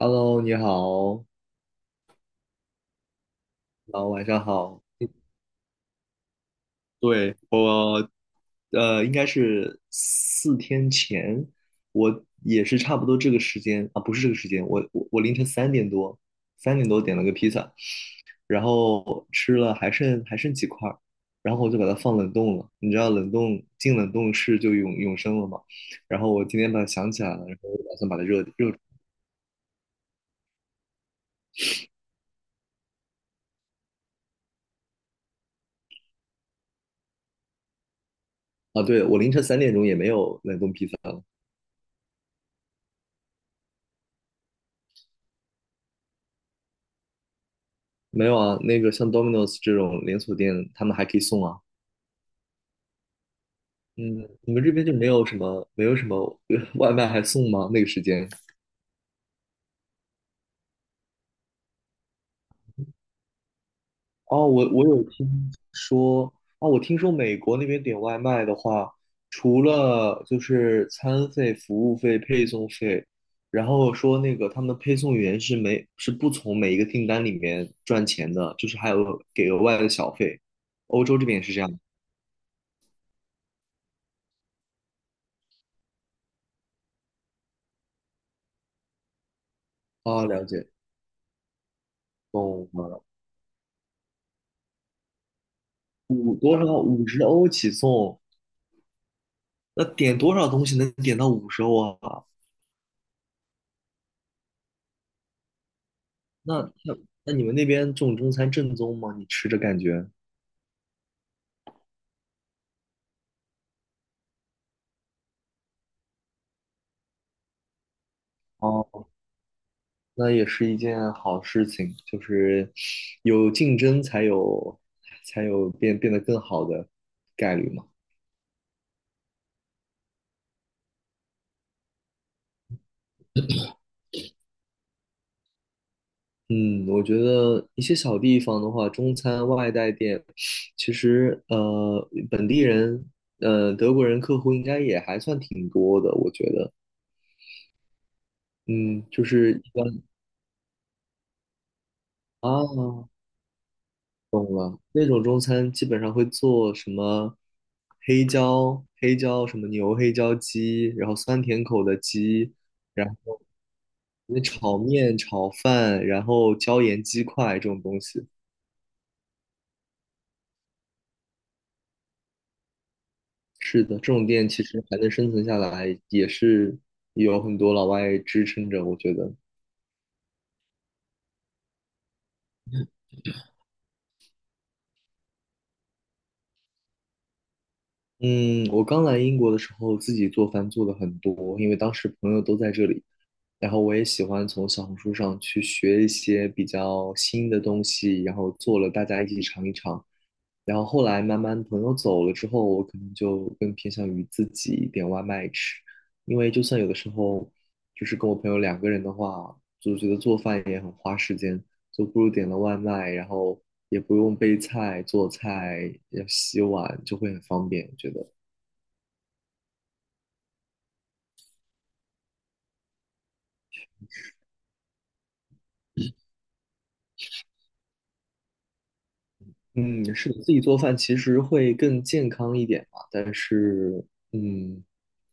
Hello，你好，然后晚上好。对，应该是4天前，我也是差不多这个时间啊，不是这个时间，我凌晨3点多，三点多点了个披萨，然后吃了还剩几块儿，然后我就把它放冷冻了。你知道冷冻进冷冻室就永永生了嘛？然后我今天把它想起来了，然后我就打算把它热热啊。对，我凌晨3点钟也没有冷冻披萨了，没有啊。那个像 Domino's 这种连锁店，他们还可以送啊。嗯，你们这边就没有什么外卖还送吗？那个时间？哦，我有听说，哦，我听说美国那边点外卖的话，除了就是餐费、服务费、配送费，然后说那个他们的配送员是没是不从每一个订单里面赚钱的，就是还有给额外的小费。欧洲这边也是这样。啊，了解，懂了。五多少？五十欧起送，那点多少东西能点到五十欧啊？那那那你们那边这种中餐正宗吗？你吃着感觉哦，那也是一件好事情，就是有竞争才有才有变变得更好的概率嘛。嗯，我觉得一些小地方的话，中餐外带店，其实本地人德国人客户应该也还算挺多的，我觉得，嗯，就是一般啊。懂了，那种中餐基本上会做什么黑椒、黑椒什么牛黑椒鸡，然后酸甜口的鸡，然后那炒面、炒饭，然后椒盐鸡块这种东西。是的，这种店其实还能生存下来，也是有很多老外支撑着，我觉得。嗯，我刚来英国的时候，自己做饭做的很多，因为当时朋友都在这里，然后我也喜欢从小红书上去学一些比较新的东西，然后做了大家一起尝一尝。然后后来慢慢朋友走了之后，我可能就更偏向于自己点外卖吃，因为就算有的时候就是跟我朋友2个人的话，就觉得做饭也很花时间，就不如点了外卖，然后也不用备菜、做菜、要洗碗，就会很方便，我觉得。嗯，是的，自己做饭其实会更健康一点嘛，但是嗯，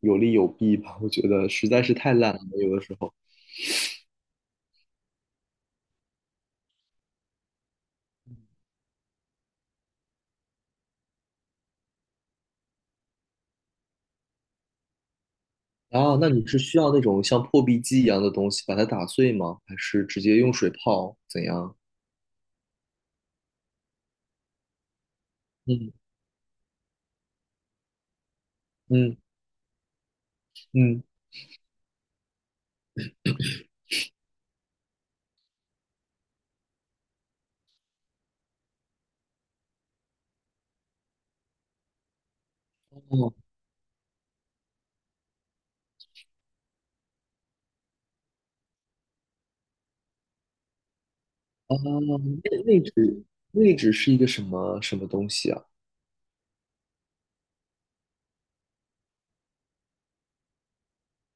有利有弊吧，我觉得实在是太懒了，有的时候。啊。那你是需要那种像破壁机一样的东西把它打碎吗？还是直接用水泡？怎样？嗯嗯嗯，哦，内酯内酯是一个什么什么东西啊？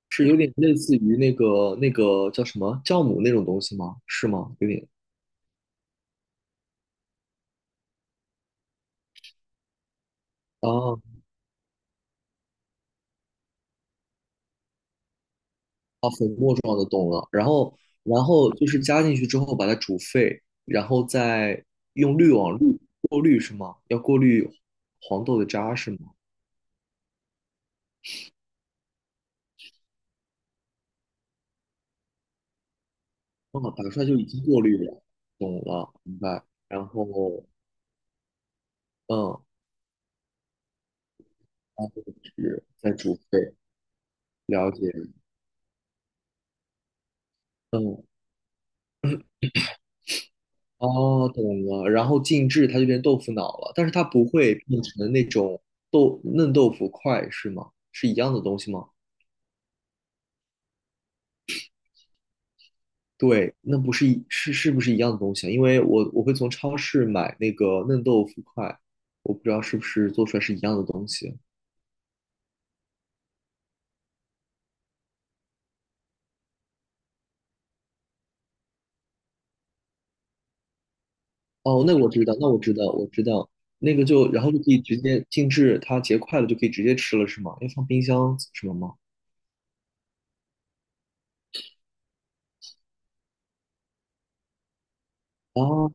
是有点类似于那个那个叫什么酵母那种东西吗？是吗？有点。哦状的懂了，然后然后就是加进去之后把它煮沸，然后再用滤网滤过滤是吗？要过滤黄豆的渣是吗？哦，打出来就已经过滤了，懂了，明白。然后嗯，然后是再煮沸，了解。嗯，哦，懂了。然后静置它就变豆腐脑了，但是它不会变成那种豆嫩豆腐块是吗？是一样的东西吗？对，那不是一是是不是一样的东西啊？因为我会从超市买那个嫩豆腐块，我不知道是不是做出来是一样的东西。哦，那个我知道，那我知道，我知道，那个就然后就可以直接静置，它结块了就可以直接吃了，是吗？要放冰箱什么吗？哦，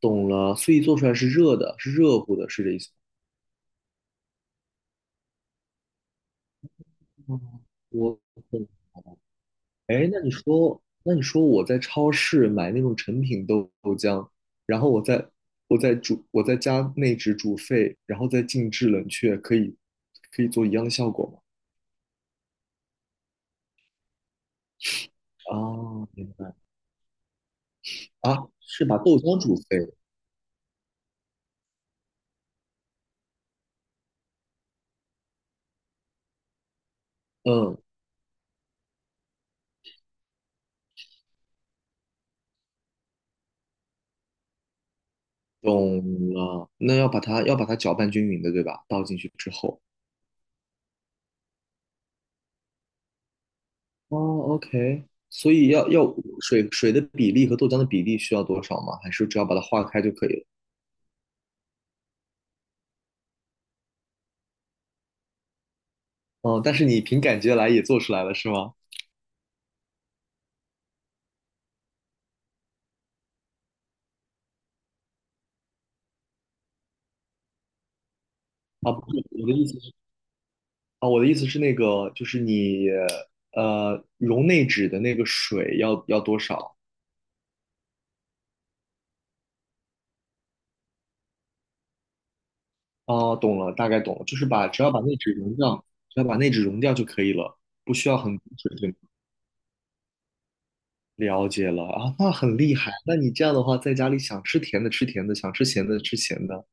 懂了，所以做出来是热的，是热乎的，是这意思吗？哦我懂哎，那你说，那你说我在超市买那种成品豆豆浆，然后我再煮，我在家内酯煮沸，然后再静置冷却，可以可以做一样的效果吗？啊，明白啊，是把豆浆煮沸，嗯，懂了。那要把它搅拌均匀的，对吧？倒进去之后，哦，OK，所以要要水水的比例和豆浆的比例需要多少吗？还是只要把它化开就可以了？哦，但是你凭感觉来也做出来了，是吗？啊，不是，我的意思是啊，我的意思是那个，就是你溶内酯的那个水要要多少？哦，懂了，大概懂了，就是把只要把内酯溶掉，只要把内酯溶掉就可以了，不需要很多水，对吗了解了啊，那很厉害。那你这样的话，在家里想吃甜的吃甜的，想吃咸的吃咸的，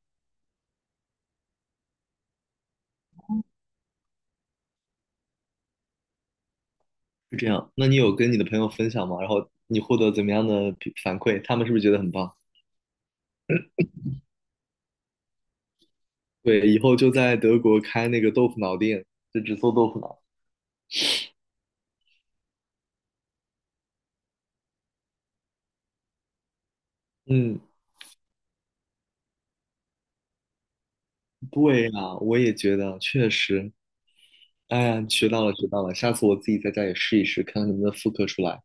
是这样。那你有跟你的朋友分享吗？然后你获得怎么样的比反馈？他们是不是觉得很棒？对，以后就在德国开那个豆腐脑店，就只做豆腐脑。嗯。对呀，我也觉得，确实。哎呀，学到了，学到了，下次我自己在家也试一试，看看能不能复刻出来。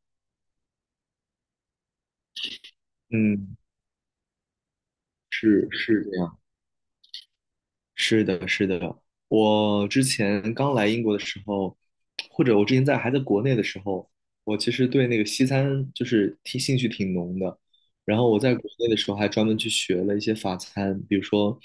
嗯，是是这样。是的，是的。我之前刚来英国的时候，或者我之前在还在国内的时候，我其实对那个西餐就是挺兴趣挺浓的。然后我在国内的时候还专门去学了一些法餐，比如说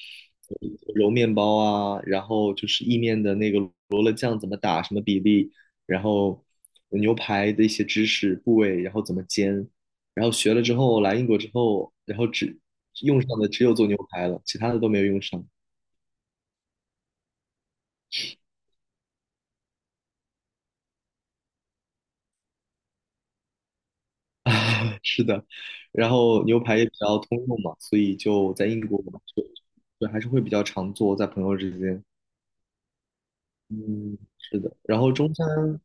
揉面包啊，然后就是意面的那个罗勒酱怎么打，什么比例，然后牛排的一些知识部位，然后怎么煎。然后学了之后来英国之后，然后只用上的只有做牛排了，其他的都没有用上。是的，然后牛排也比较通用嘛，所以就在英国，嘛，对，还是会比较常做，在朋友之间。嗯，是的。然后中餐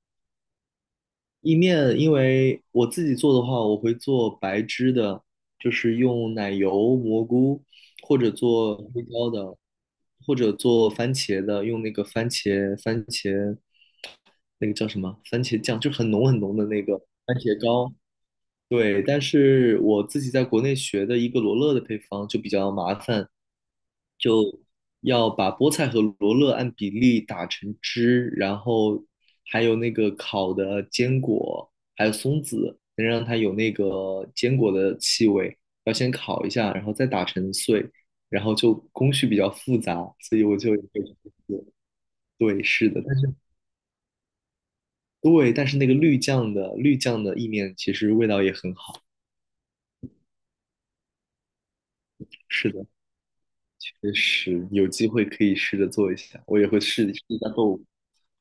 意面，因为我自己做的话，我会做白汁的，就是用奶油、蘑菇，或者做黑椒的，或者做番茄的，用那个番茄那个叫什么番茄酱，就很浓很浓的那个番茄膏，对，但是我自己在国内学的一个罗勒的配方就比较麻烦，要把菠菜和罗勒按比例打成汁，然后还有那个烤的坚果，还有松子，能让它有那个坚果的气味，要先烤一下，然后再打成碎，然后就工序比较复杂，所以我就对，是的，但是对，但是那个绿酱的意面其实味道也很好，是的。确实有机会可以试着做一下，我也会试试一下做。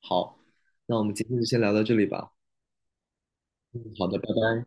好，那我们今天就先聊到这里吧。好的，拜拜。